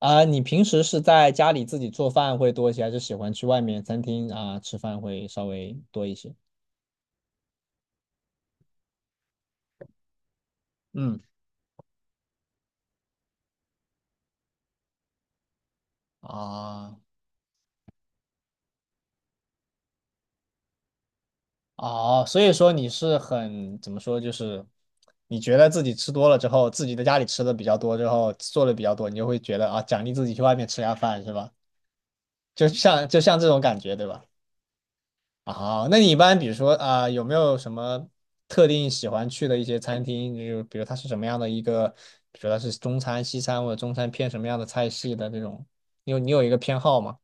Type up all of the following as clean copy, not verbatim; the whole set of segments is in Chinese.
啊、你平时是在家里自己做饭会多一些，还是喜欢去外面餐厅啊、吃饭会稍微多一些？嗯。啊。哦，所以说你是很，怎么说，就是你觉得自己吃多了之后，自己在家里吃的比较多之后，做的比较多，你就会觉得啊，奖励自己去外面吃下饭是吧？就像这种感觉，对吧？啊，那你一般比如说啊、有没有什么特定喜欢去的一些餐厅？就比如它是什么样的一个，比如它是中餐、西餐，或者中餐偏什么样的菜系的这种？你有一个偏好吗？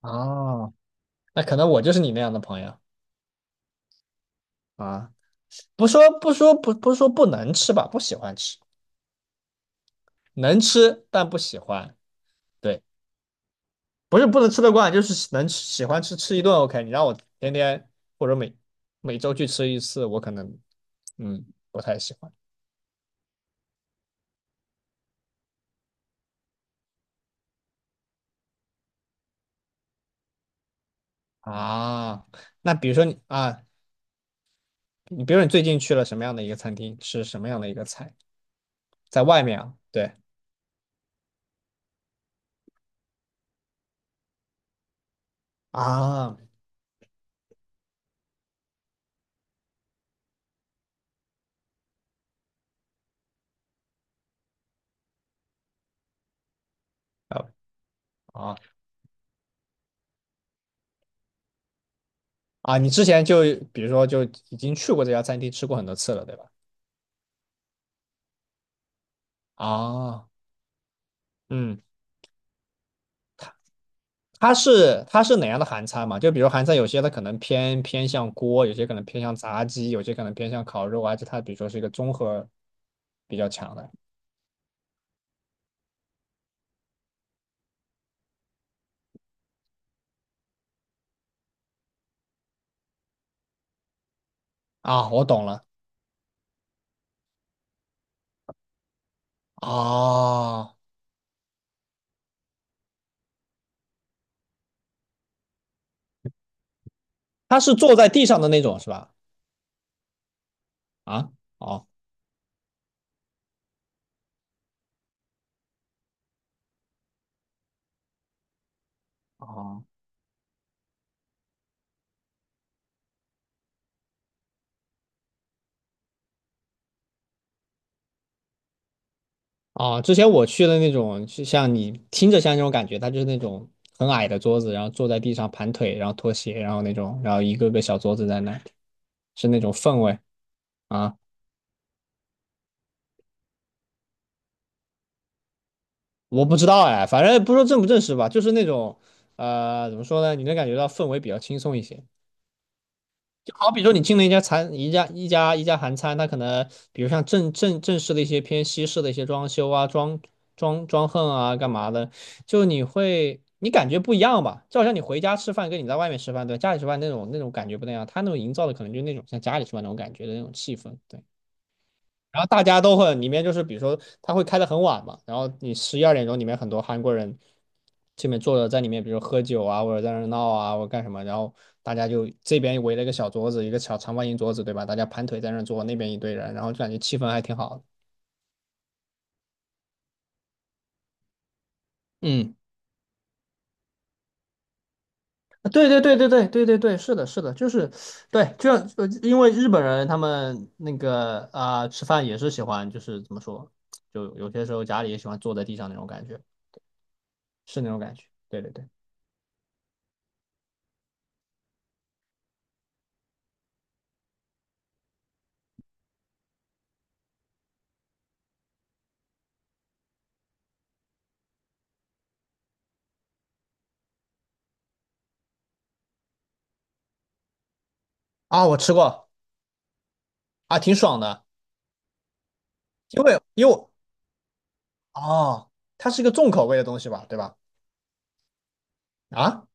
啊，那可能我就是你那样的朋友。啊，不是说不能吃吧，不喜欢吃，能吃但不喜欢，对。不是不能吃得惯，就是能吃喜欢吃吃一顿 OK,你让我天天或者每周去吃一次，我可能嗯不太喜欢。啊，那比如说你啊，你比如说你最近去了什么样的一个餐厅，吃什么样的一个菜，在外面啊，对啊啊啊，你之前就比如说就已经去过这家餐厅吃过很多次了，对吧？啊，嗯。它是哪样的韩餐嘛？就比如韩餐有些它可能偏向锅，有些可能偏向炸鸡，有些可能偏向烤肉啊，就它比如说是一个综合比较强的。啊，我懂了。啊，它是坐在地上的那种是吧？啊。哦。哦。哦，之前我去的那种，就像你听着像那种感觉，它就是那种很矮的桌子，然后坐在地上盘腿，然后脱鞋，然后那种，然后一个个小桌子在那，是那种氛围。啊。我不知道哎，反正不说正不正式吧，就是那种，怎么说呢？你能感觉到氛围比较轻松一些。就好比说你进了一家餐一家一家一家韩餐，它可能比如像正式的一些偏西式的一些装修啊、装横啊、干嘛的，就你会你感觉不一样吧？就好像你回家吃饭跟你在外面吃饭，对，家里吃饭那种感觉不那样，他那种营造的可能就是那种像家里吃饭那种感觉的那种气氛，对。然后大家都会里面就是，比如说他会开的很晚嘛，然后你十一二点钟里面很多韩国人这边坐着在里面，比如喝酒啊，或者在那儿闹啊，或者干什么，然后大家就这边围了一个小桌子，一个小长方形桌子，对吧？大家盘腿在那儿坐，那边一堆人，然后就感觉气氛还挺好的。嗯。啊对对对对对对对对，是的，是的，就是，对，就因为日本人他们那个啊、吃饭也是喜欢，就是怎么说，就有些时候家里也喜欢坐在地上那种感觉，是那种感觉。对对对。啊，我吃过。啊，挺爽的，因为我哦，它是一个重口味的东西吧，对吧？啊，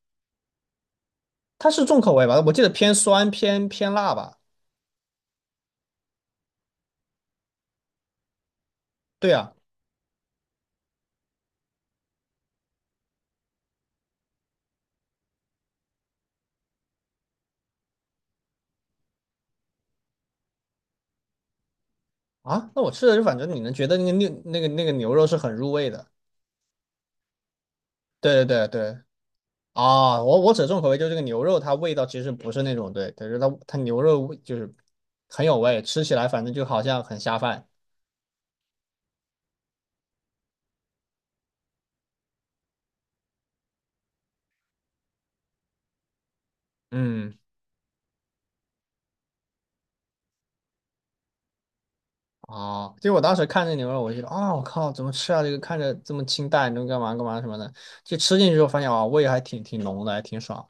它是重口味吧？我记得偏酸偏辣吧？对啊。啊，那我吃的就反正你能觉得那个牛那个牛肉是很入味的，对对对对。啊，我我指的重口味就是这个牛肉，它味道其实不是那种对，但是它牛肉味就是很有味，吃起来反正就好像很下饭。嗯。哦，就我当时看这牛肉，我就觉得啊，我靠，怎么吃啊？这个看着这么清淡，你能干嘛干嘛什么的，就吃进去之后发现啊，味还挺挺浓的，还挺爽。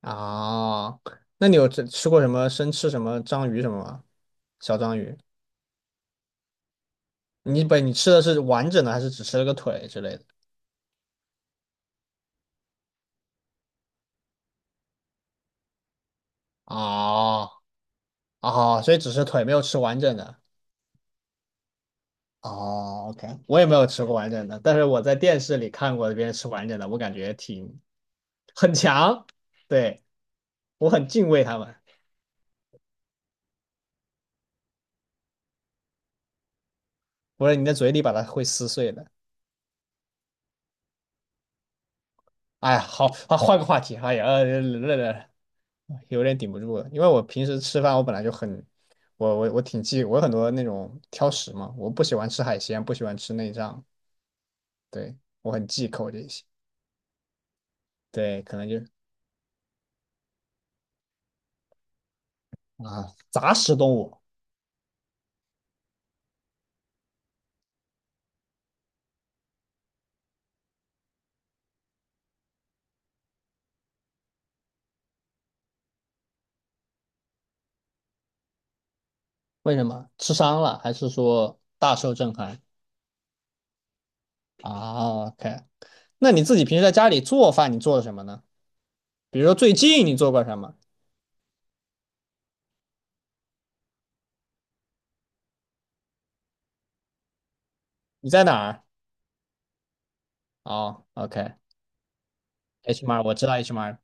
啊，那你有吃吃过什么生吃什么章鱼什么吗？小章鱼？你不，你吃的是完整的，还是只吃了个腿之类的？哦。哦，所以只是腿没有吃完整的。哦，OK,我也没有吃过完整的，但是我在电视里看过别人吃完整的，我感觉挺很强，对，我很敬畏他们。不是你的嘴里把它会撕碎的。哎呀，好，好，换个话题。哎呀，有点顶不住了，因为我平时吃饭我本来就很，我挺忌，我有很多那种挑食嘛，我不喜欢吃海鲜，不喜欢吃内脏，对，我很忌口这些。对，可能就啊，杂食动物。为什么？吃伤了还是说大受震撼？啊，OK。那你自己平时在家里做饭，你做了什么呢？比如说最近你做过什么？你在哪儿？哦OK，HMR，我知道 HMR。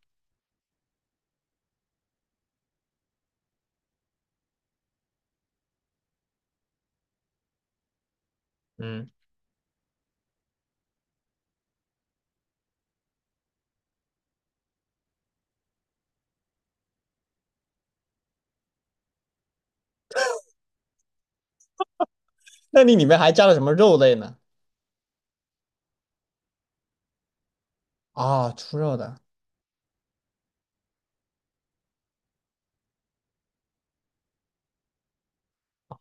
嗯，那你里面还加了什么肉类呢？啊、猪肉的。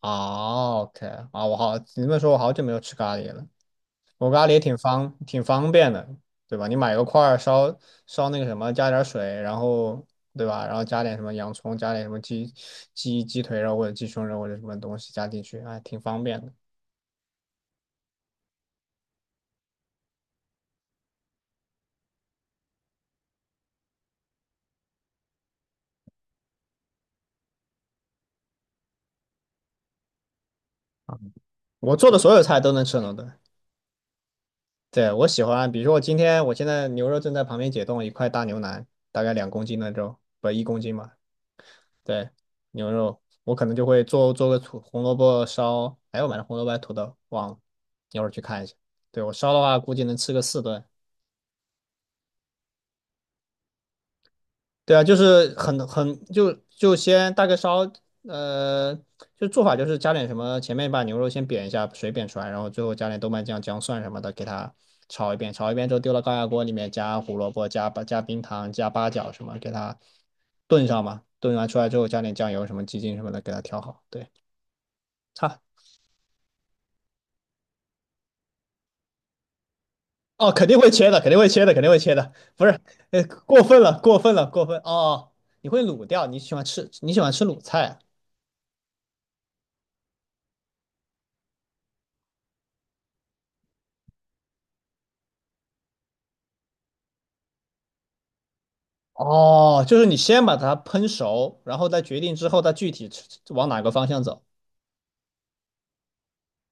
哦，OK。啊，我好，你这么说，我好久没有吃咖喱了。我咖喱也挺方，挺方便的，对吧？你买个块儿烧那个什么，加点儿水，然后对吧？然后加点什么洋葱，加点什么鸡鸡腿肉或者鸡胸肉或者什么东西加进去，哎，挺方便的。我做的所有菜都能吃很多顿。对，我喜欢，比如说我今天，我现在牛肉正在旁边解冻，一块大牛腩，大概两公斤的肉，不，一公斤嘛。对，牛肉，我可能就会做个土红萝卜烧，哎，我买的红萝卜还是土豆，忘了，一会儿去看一下。对，我烧的话，估计能吃个四顿。对啊，就是很就先大概烧，呃，就做法就是加点什么，前面把牛肉先煸一下，水煸出来，然后最后加点豆瓣酱、姜蒜什么的，给它炒一遍，炒一遍之后丢到高压锅里面，加胡萝卜、加八加冰糖、加八角什么，给它炖上嘛。炖完出来之后加点酱油什么、鸡精什么的，给它调好。对。差哦，肯定会切的，肯定会切的，肯定会切的，不是，过分了，过分了，过分哦！你会卤掉，你喜欢吃，你喜欢吃卤菜啊。哦，就是你先把它烹熟，然后再决定之后它具体吃往哪个方向走。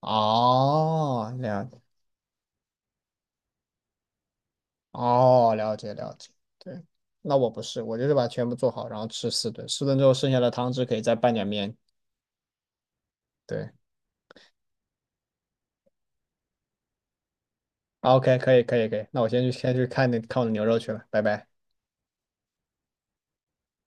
哦，了解。哦，了解，了解，对。那我不是，我就是把全部做好，然后吃四顿，四顿之后剩下的汤汁可以再拌点面。对，OK,可以，可以，可以，那我先去看那看我的牛肉去了，拜拜。